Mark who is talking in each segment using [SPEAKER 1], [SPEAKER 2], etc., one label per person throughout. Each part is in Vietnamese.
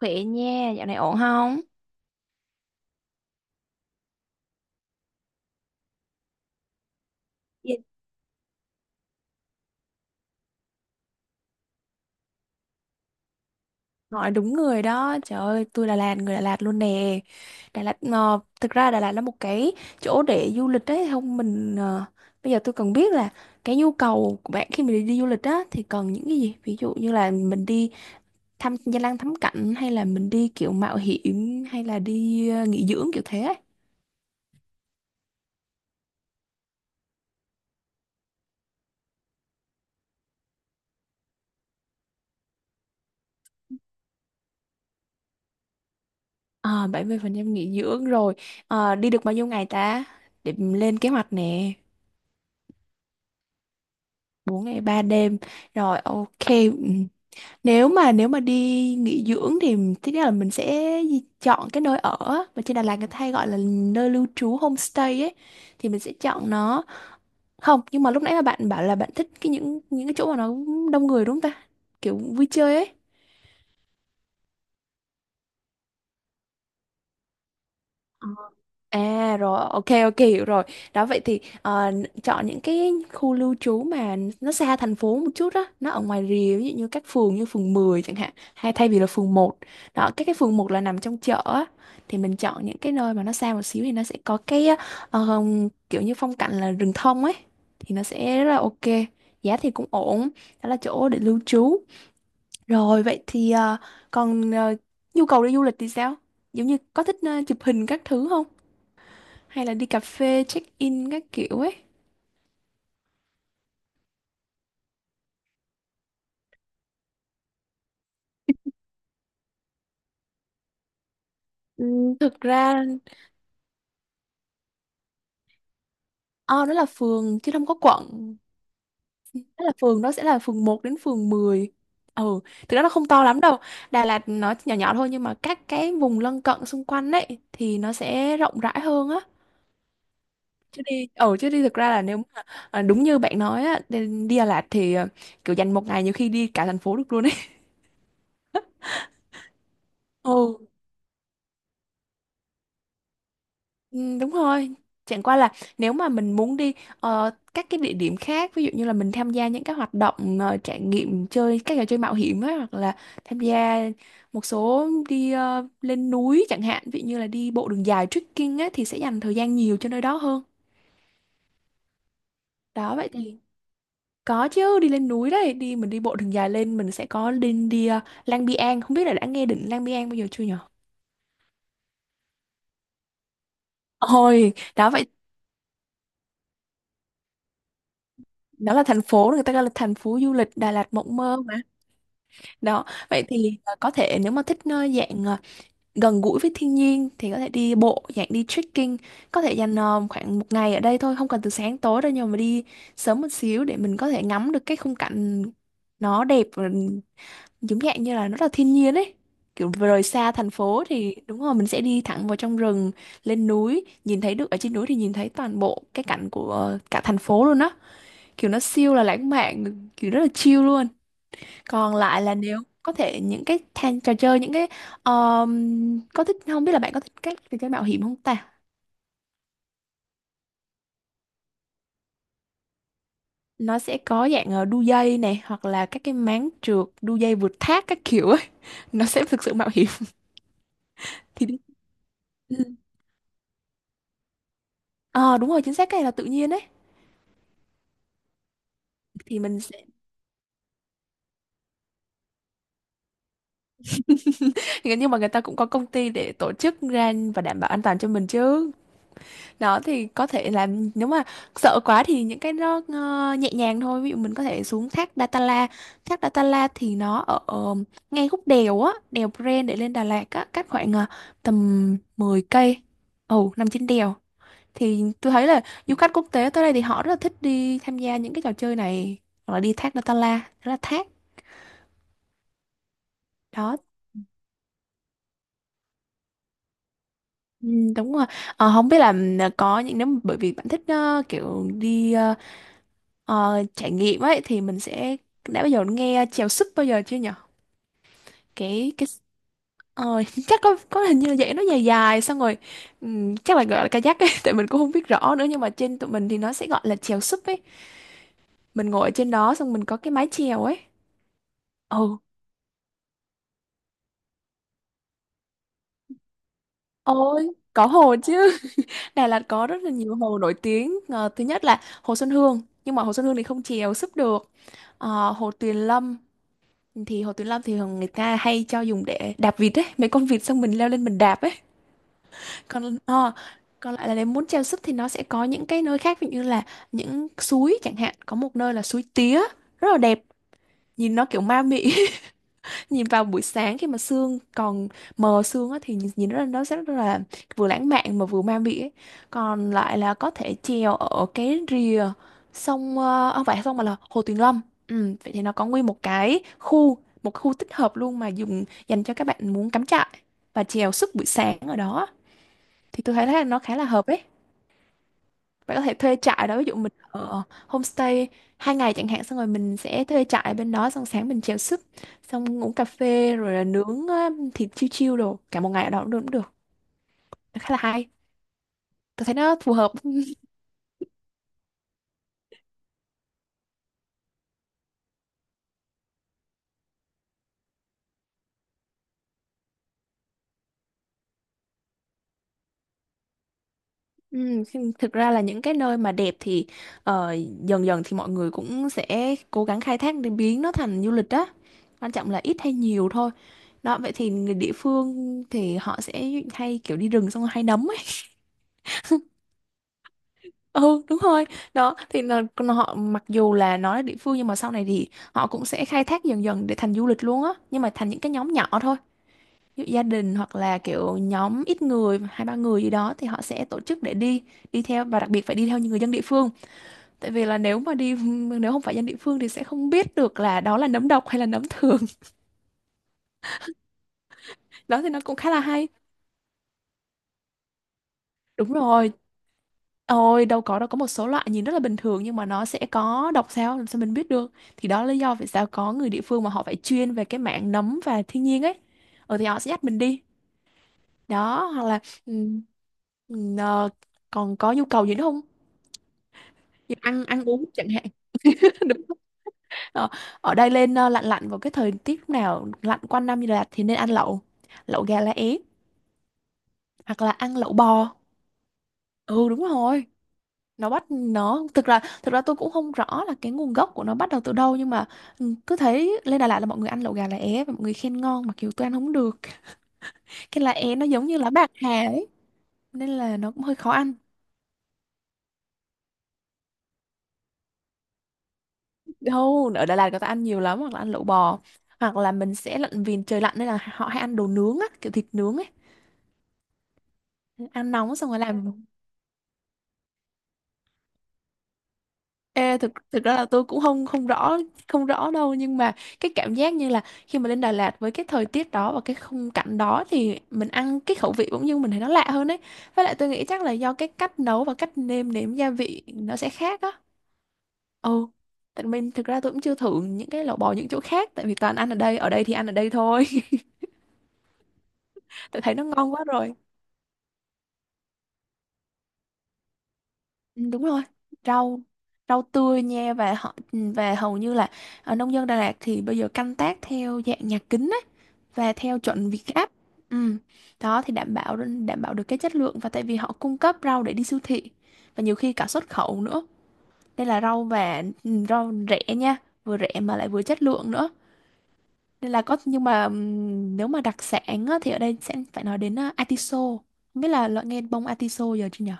[SPEAKER 1] Khỏe nha, dạo này ổn không? Dạ, hỏi đúng người đó, trời ơi, tôi Đà Lạt, người Đà Lạt luôn nè. Đà Lạt, thực ra Đà Lạt là một cái chỗ để du lịch đấy, không mình, bây giờ tôi cần biết là cái nhu cầu của bạn khi mình đi du lịch á, thì cần những cái gì? Ví dụ như là mình đi thăm danh lam thắng cảnh, hay là mình đi kiểu mạo hiểm, hay là đi nghỉ dưỡng kiểu thế ấy. À, 70% nghỉ dưỡng rồi. Ờ, đi được bao nhiêu ngày ta? Để mình lên kế hoạch nè. 4 ngày 3 đêm. Rồi, ok. Nếu mà đi nghỉ dưỡng thì thứ nhất là mình sẽ chọn cái nơi ở á, mà trên Đà Lạt người ta hay gọi là nơi lưu trú homestay ấy thì mình sẽ chọn nó. Không, nhưng mà lúc nãy là bạn bảo là bạn thích cái những cái chỗ mà nó đông người đúng không ta? Kiểu vui chơi ấy. À rồi, ok ok hiểu rồi. Đó vậy thì chọn những cái khu lưu trú mà nó xa thành phố một chút đó, nó ở ngoài rìa ví dụ như các phường như phường 10 chẳng hạn, hay thay vì là phường 1. Đó, các cái phường 1 là nằm trong chợ á thì mình chọn những cái nơi mà nó xa một xíu thì nó sẽ có cái ờ, kiểu như phong cảnh là rừng thông ấy thì nó sẽ rất là ok. Giá thì cũng ổn, đó là chỗ để lưu trú. Rồi vậy thì còn nhu cầu đi du lịch thì sao? Giống như có thích chụp hình các thứ không? Hay là đi cà phê check in các kiểu ấy. Ừ, thực ra O đó là phường chứ không có quận. Đó là phường đó sẽ là phường 1 đến phường 10. Ừ, thực ra nó không to lắm đâu. Đà Lạt nó nhỏ nhỏ thôi nhưng mà các cái vùng lân cận xung quanh ấy thì nó sẽ rộng rãi hơn á. Chứ đi thực ra là nếu mà đúng như bạn nói á, đi đi Đà Lạt thì kiểu dành một ngày nhiều khi đi cả thành phố được luôn ấy. Ừ. Ừ, đúng rồi. Chẳng qua là nếu mà mình muốn đi các cái địa điểm khác, ví dụ như là mình tham gia những cái hoạt động trải nghiệm chơi các trò chơi mạo hiểm á, hoặc là tham gia một số đi lên núi chẳng hạn, ví dụ như là đi bộ đường dài trekking á thì sẽ dành thời gian nhiều cho nơi đó hơn. Đó vậy thì có chứ, đi lên núi đấy, mình đi bộ đường dài lên mình sẽ có đi đi ờ, Lang Biang, không biết là đã nghe đỉnh Lang Biang bao giờ chưa nhở? Ôi, đó vậy đó là thành phố người ta gọi là thành phố du lịch Đà Lạt mộng mơ. Đó, vậy thì có thể nếu mà thích dạng gần gũi với thiên nhiên thì có thể đi bộ, dạng đi trekking, có thể dành khoảng một ngày ở đây thôi, không cần từ sáng tối đâu nhưng mà đi sớm một xíu để mình có thể ngắm được cái khung cảnh nó đẹp và giống dạng như là nó là thiên nhiên ấy. Kiểu vừa rời xa thành phố thì đúng rồi mình sẽ đi thẳng vào trong rừng, lên núi, nhìn thấy được ở trên núi thì nhìn thấy toàn bộ cái cảnh của cả thành phố luôn á. Kiểu nó siêu là lãng mạn, kiểu rất là chill luôn. Còn lại là nếu có thể những cái than trò chơi những cái um, có thích không biết là bạn có thích các trò chơi mạo hiểm không ta? Nó sẽ có dạng đu dây này hoặc là các cái máng trượt, đu dây vượt thác các kiểu ấy, nó sẽ thực sự mạo hiểm thì đi. Ừ. Ờ đúng rồi, chính xác cái này là tự nhiên ấy. Thì mình sẽ nhưng mà người ta cũng có công ty để tổ chức ra và đảm bảo an toàn cho mình chứ. Đó thì có thể là nếu mà sợ quá thì những cái nó nhẹ nhàng thôi, ví dụ mình có thể xuống thác Datala. Thác Datala thì nó ở ngay khúc đèo á, đèo Pren để lên Đà Lạt á, cách khoảng tầm 10 cây, ồ nằm trên đèo, thì tôi thấy là du khách quốc tế tới đây thì họ rất là thích đi tham gia những cái trò chơi này, hoặc là đi thác Datala, đó là thác đó. Ừ, đúng rồi. Ờ, không biết là ừ, có những nếu mà- bởi vì bạn thích kiểu đi trải nghiệm ấy thì mình sẽ đã bao giờ nghe chèo súp bao giờ chưa nhở? Cái ờ, chắc có hình như là vậy nó dài dài xong rồi chắc là gọi là kayak ấy. Tại mình cũng không biết rõ nữa nhưng mà trên tụi mình thì nó sẽ gọi là chèo súp ấy, mình ngồi ở trên đó xong mình có cái mái chèo ấy. Ừ, ôi có hồ chứ. Đà Lạt có rất là nhiều hồ nổi tiếng. Ờ, thứ nhất là hồ Xuân Hương nhưng mà hồ Xuân Hương thì không chèo súp được. Ờ, hồ Tuyền Lâm thì Hồ Tuyến Lâm thì thường người ta hay cho dùng để đạp vịt ấy, mấy con vịt xong mình leo lên mình đạp ấy. Còn còn lại là nếu muốn treo súp thì nó sẽ có những cái nơi khác, ví dụ như là những suối chẳng hạn, có một nơi là suối tía rất là đẹp, nhìn nó kiểu ma mị, nhìn vào buổi sáng khi mà sương còn mờ sương á, thì nhìn nhìn nó rất là vừa lãng mạn mà vừa ma mị ấy. Còn lại là có thể chèo ở cái rìa sông không phải sông mà là Hồ Tuyền Lâm. Ừ, vậy thì nó có nguyên một cái khu, một khu tích hợp luôn mà dùng dành cho các bạn muốn cắm trại và chèo suốt buổi sáng ở đó, thì tôi thấy là nó khá là hợp ấy. Bạn có thể thuê trại đó, ví dụ mình ở homestay 2 ngày chẳng hạn xong rồi mình sẽ thuê trại ở bên đó, xong sáng mình chèo súp, xong uống cà phê rồi là nướng thịt chiêu chiêu đồ cả một ngày ở đó cũng được cũng được. Khá là hay, tôi thấy nó phù hợp. Ừ, thực ra là những cái nơi mà đẹp thì ờ, dần dần thì mọi người cũng sẽ cố gắng khai thác để biến nó thành du lịch đó, quan trọng là ít hay nhiều thôi. Đó vậy thì người địa phương thì họ sẽ hay kiểu đi rừng xong rồi hay nấm ấy. Ừ đúng rồi. Đó thì là họ mặc dù là nó là địa phương nhưng mà sau này thì họ cũng sẽ khai thác dần dần để thành du lịch luôn á, nhưng mà thành những cái nhóm nhỏ thôi, ví dụ gia đình hoặc là kiểu nhóm ít người, hai ba người gì đó thì họ sẽ tổ chức để đi đi theo và đặc biệt phải đi theo những người dân địa phương, tại vì là nếu mà đi nếu không phải dân địa phương thì sẽ không biết được là đó là nấm độc hay là nấm thường. Đó thì nó cũng khá là hay. Đúng rồi. Ôi đâu có một số loại nhìn rất là bình thường nhưng mà nó sẽ có độc, sao làm sao mình biết được, thì đó là lý do vì sao có người địa phương mà họ phải chuyên về cái mảng nấm và thiên nhiên ấy. Ờ thì họ sẽ dắt mình đi. Đó hoặc là ừ, ừ, ờ, còn có nhu cầu gì nữa không? Như ăn ăn uống chẳng hạn. Đúng không? Ờ, ở đây lên lạnh lạnh vào cái thời tiết lúc nào lạnh quanh năm như là thì nên ăn lẩu lẩu gà lá é, hoặc là ăn lẩu bò. Ừ, đúng rồi. Nó bắt nó Thực ra tôi cũng không rõ là cái nguồn gốc của nó bắt đầu từ đâu, nhưng mà cứ thấy lên Đà Lạt là mọi người ăn lẩu gà lá é và mọi người khen ngon, mặc dù tôi ăn không được. Cái lá é nó giống như lá bạc hà ấy, nên là nó cũng hơi khó ăn. Đâu, ở Đà Lạt người ta ăn nhiều lắm, hoặc là ăn lẩu bò, hoặc là mình sẽ lặn vì trời lạnh, nên là họ hay ăn đồ nướng á, kiểu thịt nướng ấy. Ăn nóng xong rồi làm. Ê, thực thực ra là tôi cũng không không rõ, không rõ đâu, nhưng mà cái cảm giác như là khi mà lên Đà Lạt với cái thời tiết đó và cái khung cảnh đó thì mình ăn cái khẩu vị bỗng nhiên mình thấy nó lạ hơn ấy. Với lại tôi nghĩ chắc là do cái cách nấu và cách nêm nếm gia vị nó sẽ khác á. Ừ, tại mình thực ra tôi cũng chưa thử những cái lẩu bò những chỗ khác, tại vì toàn ăn ở đây, ở đây thì ăn ở đây thôi. Tôi thấy nó ngon quá rồi. Ừ, đúng rồi. Rau, rau tươi nha, và họ và hầu như là ở nông dân Đà Lạt thì bây giờ canh tác theo dạng nhà kính và theo chuẩn Việt Gáp. Ừ. Đó thì đảm bảo, đảm bảo được cái chất lượng, và tại vì họ cung cấp rau để đi siêu thị và nhiều khi cả xuất khẩu nữa, nên là rau và rau rẻ nha, vừa rẻ mà lại vừa chất lượng nữa. Nên là có, nhưng mà nếu mà đặc sản á, thì ở đây sẽ phải nói đến atiso. Không biết là loại nghe bông atiso giờ chưa nhỉ?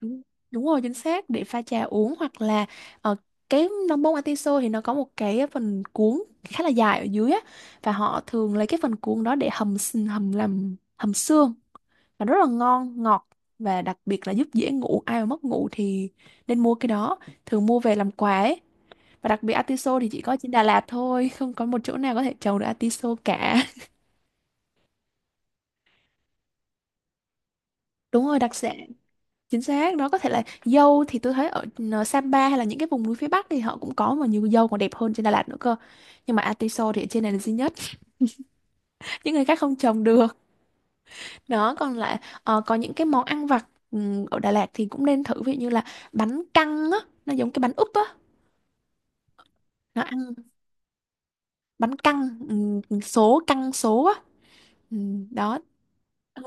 [SPEAKER 1] Đúng, đúng rồi, chính xác, để pha trà uống, hoặc là ờ, cái nón bông atiso thì nó có một cái phần cuốn khá là dài ở dưới á, và họ thường lấy cái phần cuốn đó để hầm, làm hầm xương, và rất là ngon ngọt, và đặc biệt là giúp dễ ngủ, ai mà mất ngủ thì nên mua cái đó, thường mua về làm quà ấy. Và đặc biệt atiso thì chỉ có trên Đà Lạt thôi, không có một chỗ nào có thể trồng được atiso cả. Đúng rồi, đặc sản, chính xác. Đó có thể là dâu thì tôi thấy ở Sapa hay là những cái vùng núi phía Bắc thì họ cũng có, mà nhiều dâu còn đẹp hơn trên Đà Lạt nữa cơ. Nhưng mà atiso thì ở trên này là duy nhất. Những người khác không trồng được. Đó, còn lại có những cái món ăn vặt, ở Đà Lạt thì cũng nên thử, ví dụ như là bánh căn á, nó giống cái bánh úp á. Nó ăn, bánh căn, số căn số á. Đó. Ừ.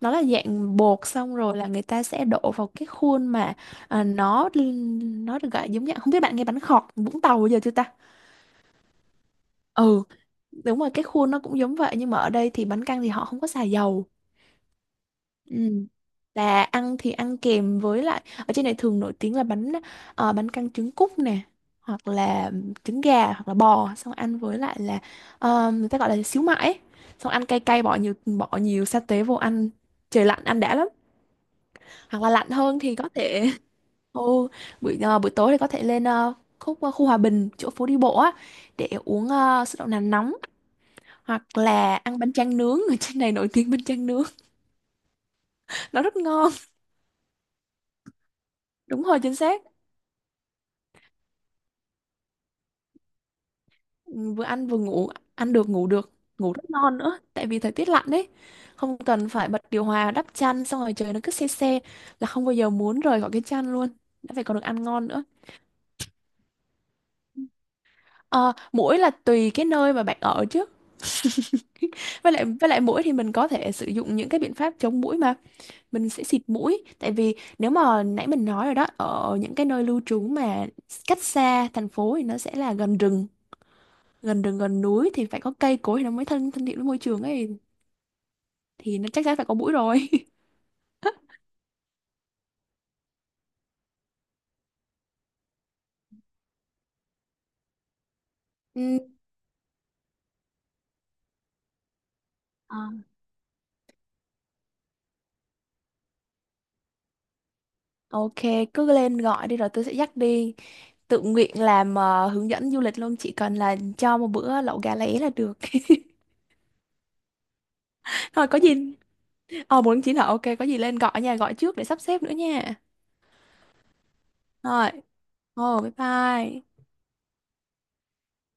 [SPEAKER 1] Nó là dạng bột xong rồi là người ta sẽ đổ vào cái khuôn mà ờ, nó nó được gọi giống như, không biết bạn nghe bánh khọt Vũng Tàu giờ chưa ta. Ừ, đúng rồi, cái khuôn nó cũng giống vậy, nhưng mà ở đây thì bánh căn thì họ không có xài dầu. Ừ. Là ăn thì ăn kèm với lại ở trên này thường nổi tiếng là bánh, bánh căn trứng cút nè, hoặc là trứng gà, hoặc là bò, xong ăn với lại là người ta gọi là xíu mại ấy. Xong ăn cay cay, bỏ nhiều sa tế vô ăn, trời lạnh ăn đã lắm. Hoặc là lạnh hơn thì có thể Ồ, buổi buổi tối thì có thể lên khúc khu Hòa Bình, chỗ phố đi bộ á, để uống sữa đậu nành nóng, hoặc là ăn bánh tráng nướng, ở trên này nổi tiếng bánh tráng nướng. Nó rất ngon. Đúng rồi, chính xác. Ừ, vừa ăn vừa ngủ, ăn được ngủ được, ngủ rất ngon nữa tại vì thời tiết lạnh đấy, không cần phải bật điều hòa, đắp chăn xong rồi trời nó cứ se se, là không bao giờ muốn rời khỏi cái chăn luôn, đã phải còn được ăn ngon nữa. Ờ, muỗi là tùy cái nơi mà bạn ở chứ. Với lại muỗi thì mình có thể sử dụng những cái biện pháp chống muỗi mà, mình sẽ xịt mũi. Tại vì nếu mà nãy mình nói rồi đó, ở những cái nơi lưu trú mà cách xa thành phố thì nó sẽ là gần rừng, gần rừng gần núi, thì phải có cây cối thì nó mới thân thân thiện với môi trường ấy, thì nó chắc chắn phải có mũi rồi. Ừ. Ờ. Ok, cứ lên gọi đi rồi tôi sẽ dắt đi. Tự nguyện làm hướng dẫn du lịch luôn, chỉ cần là cho một bữa lẩu gà lá é là được. Thôi có gì, ờ muốn chỉ là ok, có gì lên gọi nha, gọi trước để sắp xếp nữa nha. Rồi, ồ, bye bye.